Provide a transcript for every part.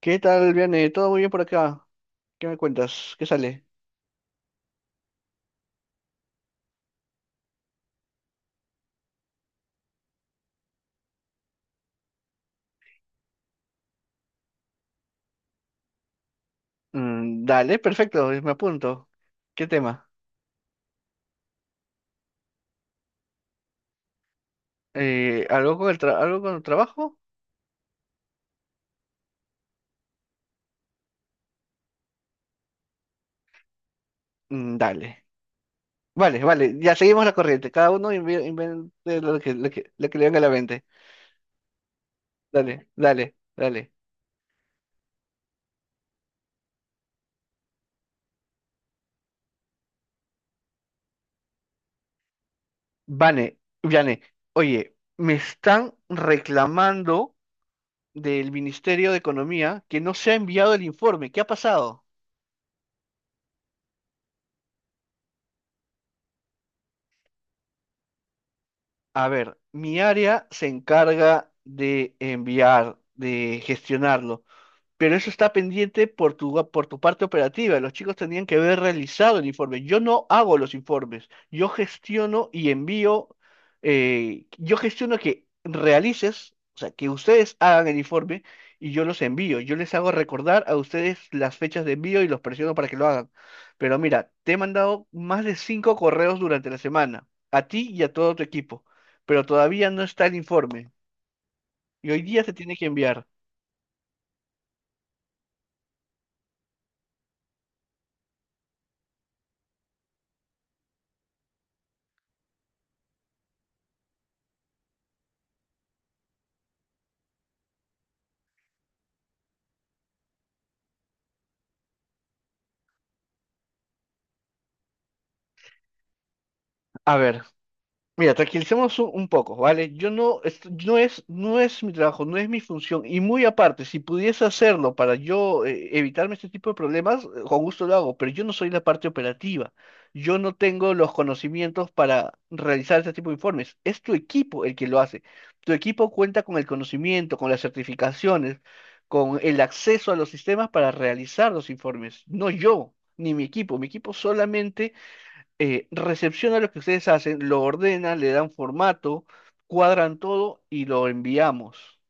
¿Qué tal, Viane? ¿Todo muy bien por acá? ¿Qué me cuentas? ¿Qué sale? Mm, dale, perfecto, me apunto. ¿Qué tema? ¿Algo con el trabajo? Mm, dale. Vale, vale, ya seguimos la corriente. Cada uno invente lo que le venga a la mente. Dale, dale, dale. Vane, Viane, oye, me están reclamando del Ministerio de Economía que no se ha enviado el informe. ¿Qué ha pasado? A ver, mi área se encarga de enviar, de gestionarlo, pero eso está pendiente por por tu parte operativa. Los chicos tendrían que haber realizado el informe. Yo no hago los informes, yo gestiono y envío, yo gestiono que realices, o sea, que ustedes hagan el informe y yo los envío. Yo les hago recordar a ustedes las fechas de envío y los presiono para que lo hagan. Pero mira, te he mandado más de cinco correos durante la semana, a ti y a todo tu equipo, pero todavía no está el informe. Y hoy día se tiene que enviar. A ver. Mira, tranquilicemos un poco, ¿vale? Yo no, es- no es, no es mi trabajo, no es mi función. Y muy aparte, si pudiese hacerlo para yo evitarme este tipo de problemas, con gusto lo hago, pero yo no soy la parte operativa. Yo no tengo los conocimientos para realizar este tipo de informes. Es tu equipo el que lo hace. Tu equipo cuenta con el conocimiento, con las certificaciones, con el acceso a los sistemas para realizar los informes. No yo, ni mi equipo. Mi equipo solamente recepciona lo que ustedes hacen, lo ordena, le dan formato, cuadran todo y lo enviamos.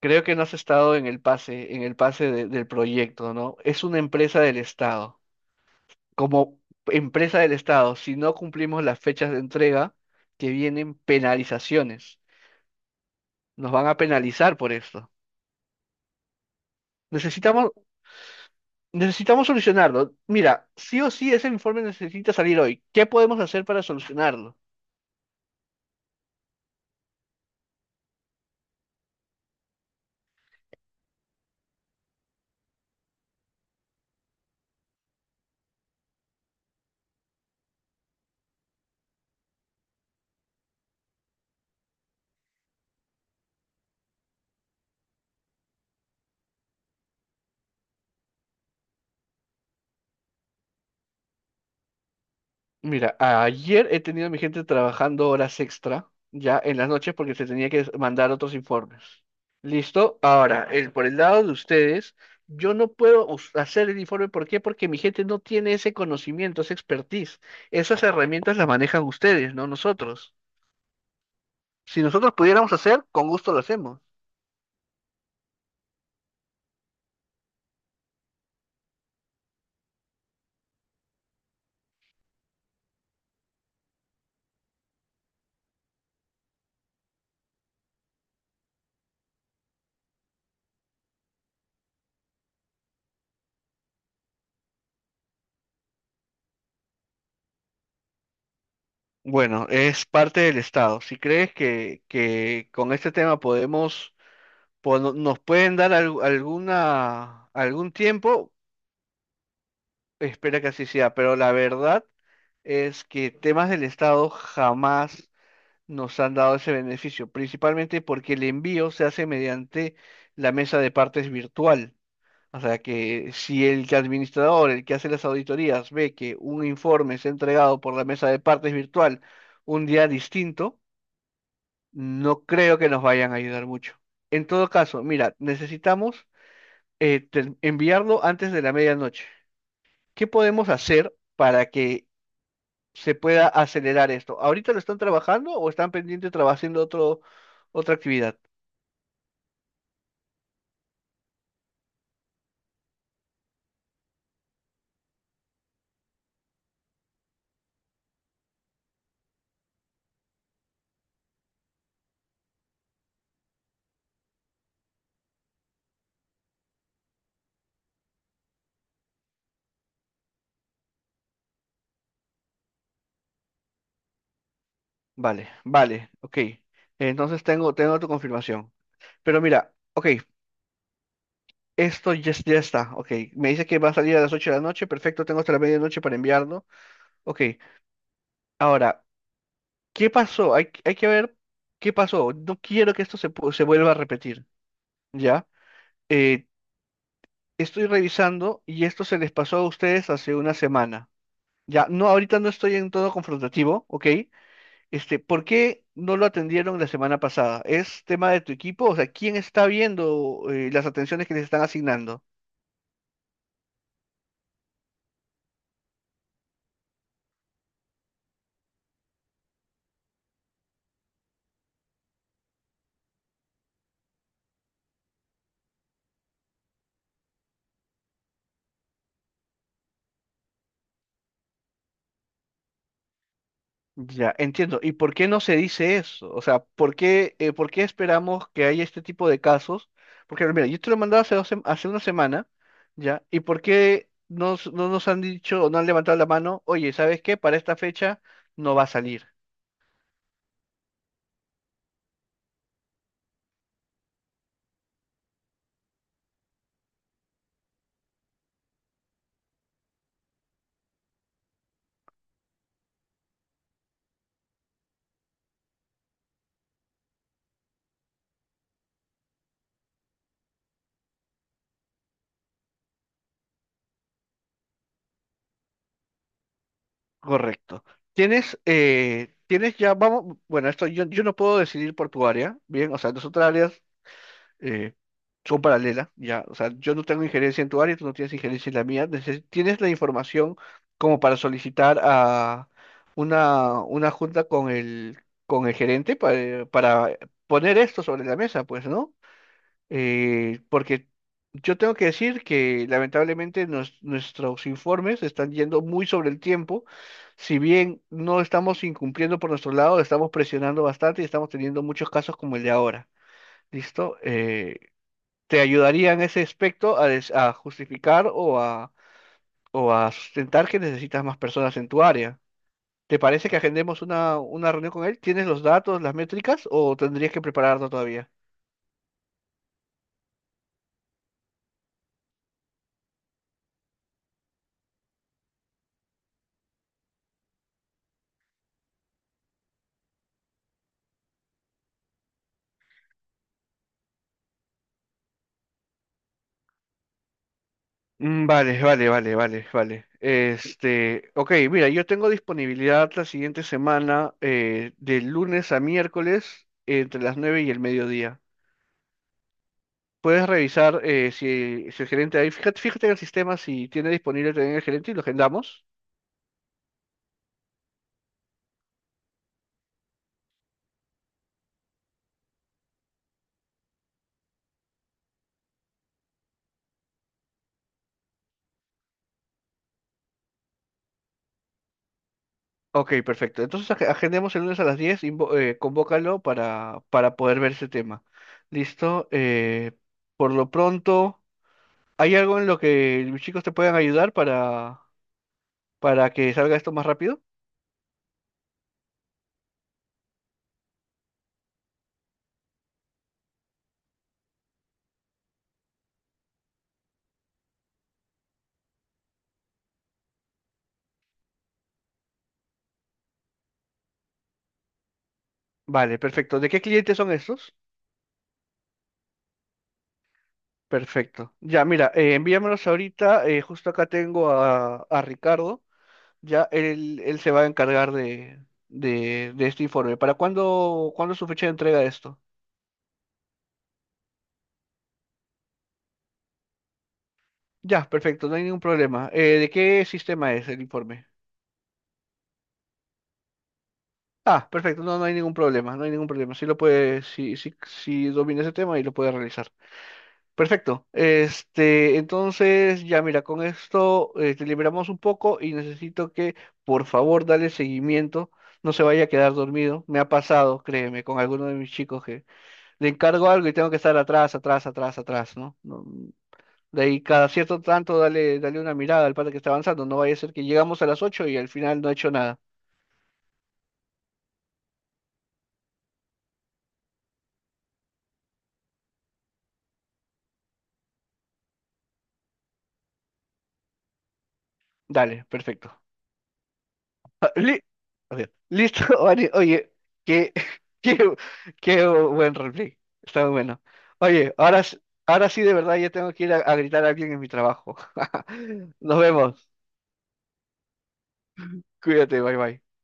Creo que no has estado en el pase, del proyecto, ¿no? Es una empresa del Estado. Como empresa del Estado, si no cumplimos las fechas de entrega, que vienen penalizaciones. Nos van a penalizar por esto. Necesitamos, necesitamos solucionarlo. Mira, sí o sí ese informe necesita salir hoy. ¿Qué podemos hacer para solucionarlo? Mira, ayer he tenido a mi gente trabajando horas extra, ya en las noches, porque se tenía que mandar otros informes. ¿Listo? Ahora, por el lado de ustedes, yo no puedo hacer el informe. ¿Por qué? Porque mi gente no tiene ese conocimiento, esa expertise. Esas herramientas las manejan ustedes, no nosotros. Si nosotros pudiéramos hacer, con gusto lo hacemos. Bueno, es parte del Estado. Si crees que con este tema podemos, nos pueden dar algún tiempo, espera que así sea, pero la verdad es que temas del Estado jamás nos han dado ese beneficio, principalmente porque el envío se hace mediante la mesa de partes virtual. O sea que si el que hace las auditorías, ve que un informe es entregado por la mesa de partes virtual un día distinto, no creo que nos vayan a ayudar mucho. En todo caso, mira, necesitamos enviarlo antes de la medianoche. ¿Qué podemos hacer para que se pueda acelerar esto? ¿Ahorita lo están trabajando o están pendientes trabajando haciendo otra actividad? Vale, vale, ok. Entonces tengo tu confirmación. Pero mira, ok, esto ya, ya está, ok. Me dice que va a salir a las 8 de la noche, perfecto, tengo hasta la medianoche para enviarlo. Ok, ahora, ¿qué pasó? Hay que ver qué pasó. No quiero que esto se vuelva a repetir, ¿ya? Eh, Estoy revisando y esto se les pasó a ustedes hace una semana. Ya, no, ahorita no estoy en todo confrontativo, ¿ok? Este, ¿por qué no lo atendieron la semana pasada? ¿Es tema de tu equipo? O sea, ¿quién está viendo las atenciones que les están asignando? Ya, entiendo. ¿Y por qué no se dice eso? O sea, ¿por qué, por qué esperamos que haya este tipo de casos? Porque, mira, yo te lo mandaba hace una semana, ¿ya? ¿Y por qué no nos han dicho o no han levantado la mano? Oye, ¿sabes qué? Para esta fecha no va a salir. Correcto. Tienes ya, vamos, bueno, esto yo no puedo decidir por tu área, bien, o sea, nosotras áreas eh, son paralelas, ya, o sea, yo no tengo injerencia en tu área, tú no tienes injerencia en la mía, tienes la información como para solicitar a una junta con con el gerente para poner esto sobre la mesa, pues, ¿no? Porque yo tengo que decir que lamentablemente nuestros informes están yendo muy sobre el tiempo, si bien no estamos incumpliendo por nuestro lado, estamos presionando bastante y estamos teniendo muchos casos como el de ahora. ¿Listo? Te ayudaría en ese aspecto a justificar o a sustentar que necesitas más personas en tu área. ¿Te parece que agendemos una reunión con él? ¿Tienes los datos, las métricas o tendrías que prepararlo todavía? Mm, vale, vale, vale, vale, vale. Este, ok, mira, yo tengo disponibilidad la siguiente semana, de lunes a miércoles, entre las 9 y el mediodía. Puedes revisar si el gerente ahí, fíjate en el sistema si tiene disponible también el gerente y lo agendamos. Ok, perfecto. Entonces agendemos el lunes a las 10, convócalo para poder ver ese tema. ¿Listo? Por lo pronto, ¿hay algo en lo que los chicos te puedan ayudar para que salga esto más rápido? Vale, perfecto. ¿De qué clientes son estos? Perfecto. Ya, mira, envíamelos ahorita. Justo acá tengo a Ricardo. Ya él se va a encargar de este informe. ¿Para cuándo es su fecha de entrega de esto? Ya, perfecto, no hay ningún problema. ¿De qué sistema es el informe? Ah, perfecto, no, no hay ningún problema, no hay ningún problema. Sí lo puede, sí, sí, sí domina ese tema y lo puede realizar. Perfecto. Este, entonces, ya mira, con esto te liberamos un poco y necesito que, por favor, dale seguimiento. No se vaya a quedar dormido. Me ha pasado, créeme, con alguno de mis chicos que le encargo algo y tengo que estar atrás, atrás, atrás, atrás, ¿no? No, de ahí cada cierto tanto dale una mirada al pata que está avanzando. No vaya a ser que llegamos a las 8 y al final no ha hecho nada. Dale, perfecto. Ah, o sea, listo, Vani. Oye, qué, qué, qué buen roleplay. Está muy bueno. Oye, ahora, ahora sí de verdad ya tengo que ir a gritar a alguien en mi trabajo. Nos vemos. Cuídate, bye bye.